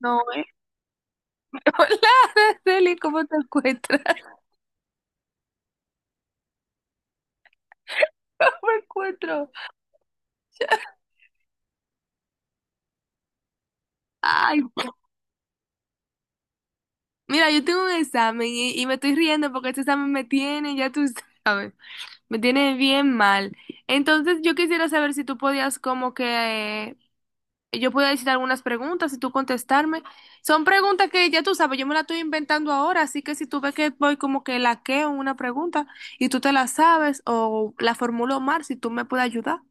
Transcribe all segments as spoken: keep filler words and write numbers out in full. No, eh. Hola, Araceli, ¿cómo te encuentras? ¿Cómo me encuentro? Ay, mira, yo tengo un examen y, y me estoy riendo porque este examen me tiene, ya tú sabes, me tiene bien mal. Entonces, yo quisiera saber si tú podías como que eh, yo podía decir algunas preguntas y tú contestarme. Son preguntas que ya tú sabes, yo me las estoy inventando ahora, así que si tú ves que voy como que laqueo en una pregunta y tú te la sabes o la formulo mal, si tú me puedes ayudar.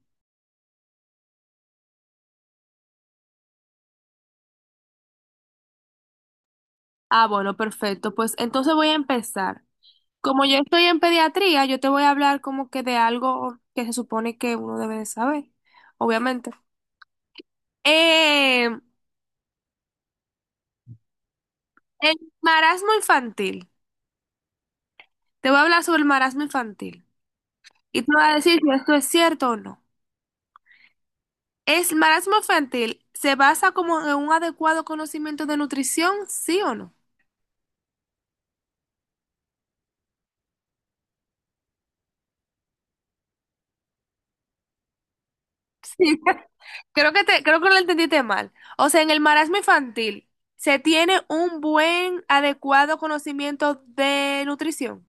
Ah, bueno, perfecto. Pues entonces voy a empezar. Como yo estoy en pediatría, yo te voy a hablar como que de algo que se supone que uno debe de saber, obviamente. Eh, el marasmo infantil. Te voy a hablar sobre el marasmo infantil. Y te voy a decir si esto es cierto o no. ¿Es marasmo infantil se basa como en un adecuado conocimiento de nutrición, sí o no? Sí. Creo que te, creo que lo entendiste mal. O sea, en el marasmo infantil, ¿se tiene un buen, adecuado conocimiento de nutrición?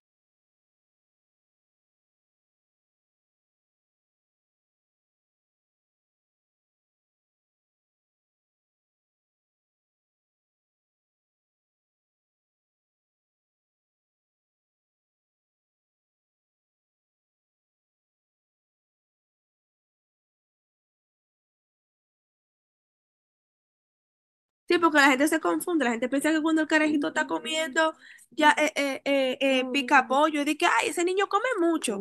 Sí, porque la gente se confunde, la gente piensa que cuando el carajito está comiendo ya eh, eh, eh, eh, pica pollo, y dice que, ay, ese niño come mucho.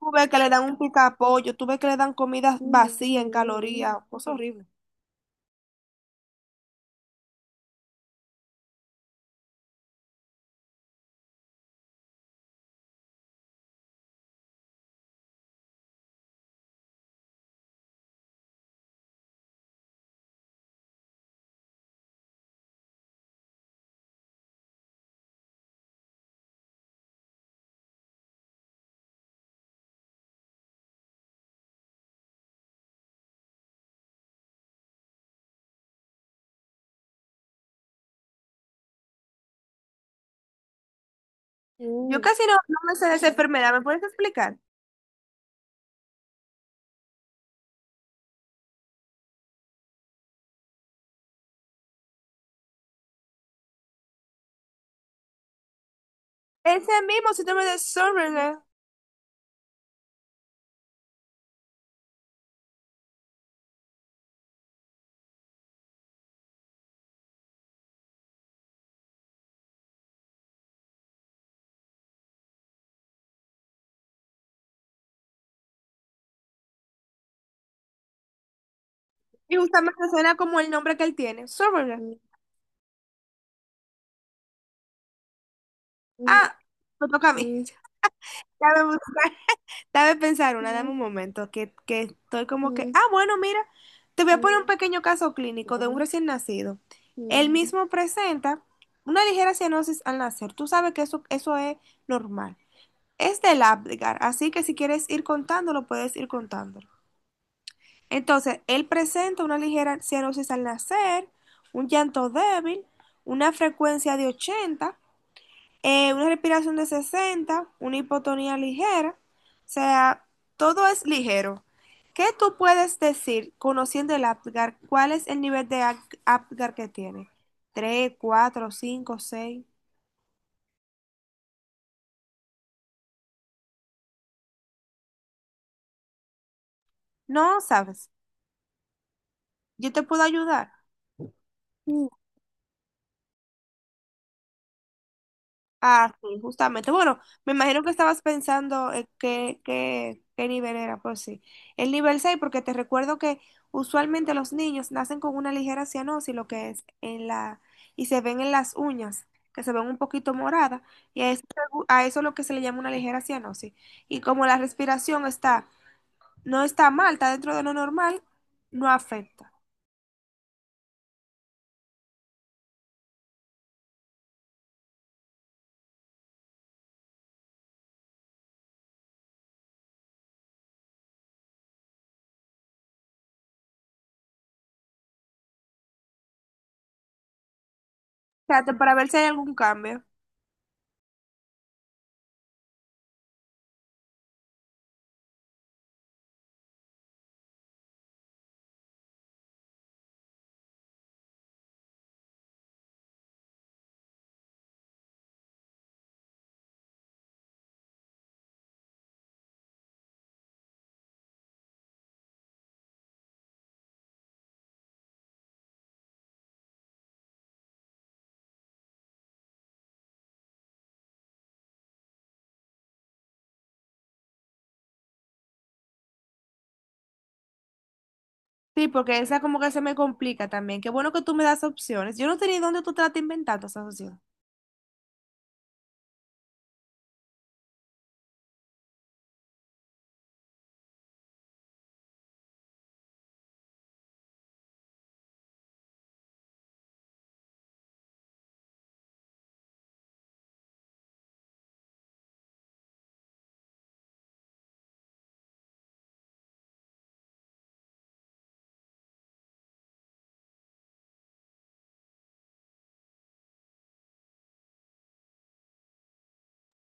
Tú ves que le dan un pica pollo, tú ves que le dan comidas vacías en calorías, cosa horrible. Yo casi no, no me sé de esa enfermedad, ¿me puedes explicar? Ese mismo síndrome de Asperger, y justamente suena como el nombre que él tiene, Asperger. Ah, me toca a mí. Ya me busca. Dame pensar una, dame Mm, un momento, que, que estoy como que, mm, ah, bueno, mira, te voy a poner un mm, pequeño caso clínico de un recién nacido. Él mm, mismo presenta una ligera cianosis al nacer. Tú sabes que eso, eso es normal. Es del Apgar, así que si quieres ir contándolo, puedes ir contándolo. Entonces, él presenta una ligera cianosis al nacer, un llanto débil, una frecuencia de ochenta eh, una respiración de sesenta, una hipotonía ligera, o sea, todo es ligero. ¿Qué tú puedes decir conociendo el Apgar? ¿Cuál es el nivel de Apgar que tiene? Tres, cuatro, cinco, seis. No, sabes, yo te puedo ayudar. Ah, sí, justamente. Bueno, me imagino que estabas pensando eh, qué, qué, qué nivel era, pues sí. El nivel seis, porque te recuerdo que usualmente los niños nacen con una ligera cianosis, lo que es en la, y se ven en las uñas, que se ven un poquito moradas, y a eso, a eso es lo que se le llama una ligera cianosis. Y como la respiración está, no está mal, está dentro de lo normal, no afecta. Trate para ver si hay algún cambio. Sí, porque esa como que se me complica también. Qué bueno que tú me das opciones. Yo no tenía dónde tú te la estás inventando esa opción.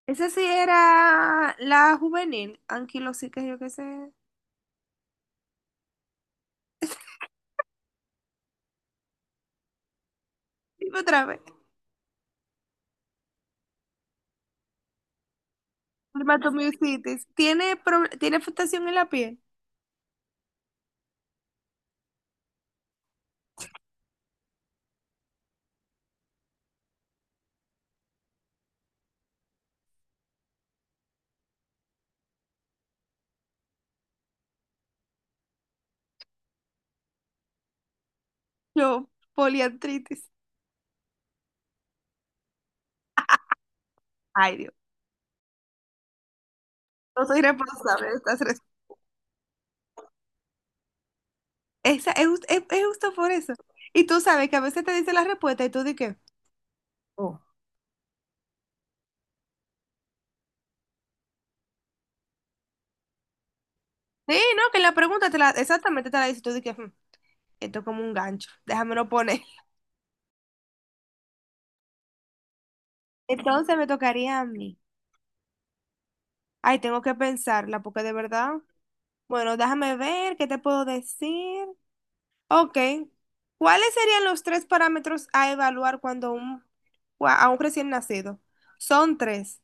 Esa sí era la juvenil, anquilosica, yo qué sé. Dime otra vez. Dermatomiositis. ¿Tiene, pro- tiene afectación en la piel? Yo, poliartritis. Ay, Dios. No soy responsable de estas res-. Esa, es, jus- es, es justo por eso. Y tú sabes que a veces te dice la respuesta y tú di que. Sí, no, que la pregunta te la, exactamente te la dice y tú di que. "Hmm, esto es como un gancho. Déjamelo poner". Entonces me tocaría a mí. Ay, tengo que pensarla, porque de verdad. Bueno, déjame ver qué te puedo decir. Ok. ¿Cuáles serían los tres parámetros a evaluar cuando un, cua- a un recién nacido? Son tres.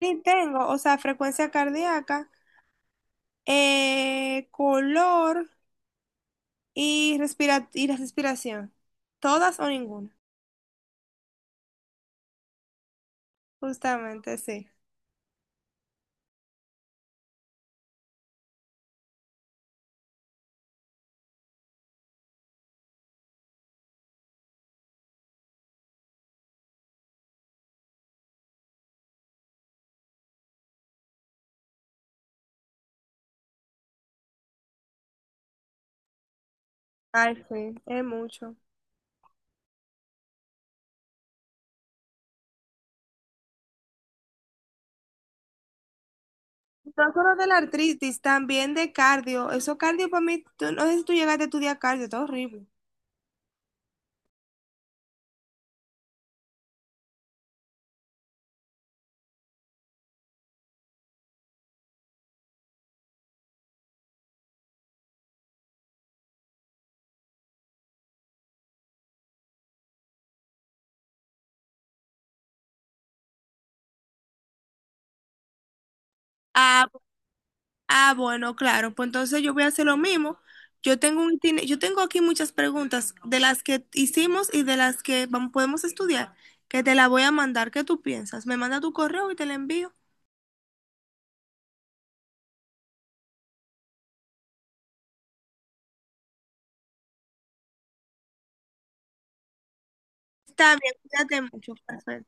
Sí, tengo, o sea, frecuencia cardíaca, eh, color y, respira y la respiración. ¿Todas o ninguna? Justamente, sí. Ay, sí, es mucho. No solo de la artritis, también de cardio. Eso cardio para mí, tú- no sé si tú llegaste a estudiar cardio, está horrible. Ah, ah, bueno, claro. Pues entonces yo voy a hacer lo mismo. Yo tengo un itine- yo tengo aquí muchas preguntas de las que hicimos y de las que vamos, podemos estudiar, que te la voy a mandar. ¿Qué tú piensas? Me manda tu correo y te la envío. Está bien, cuídate mucho. Fran.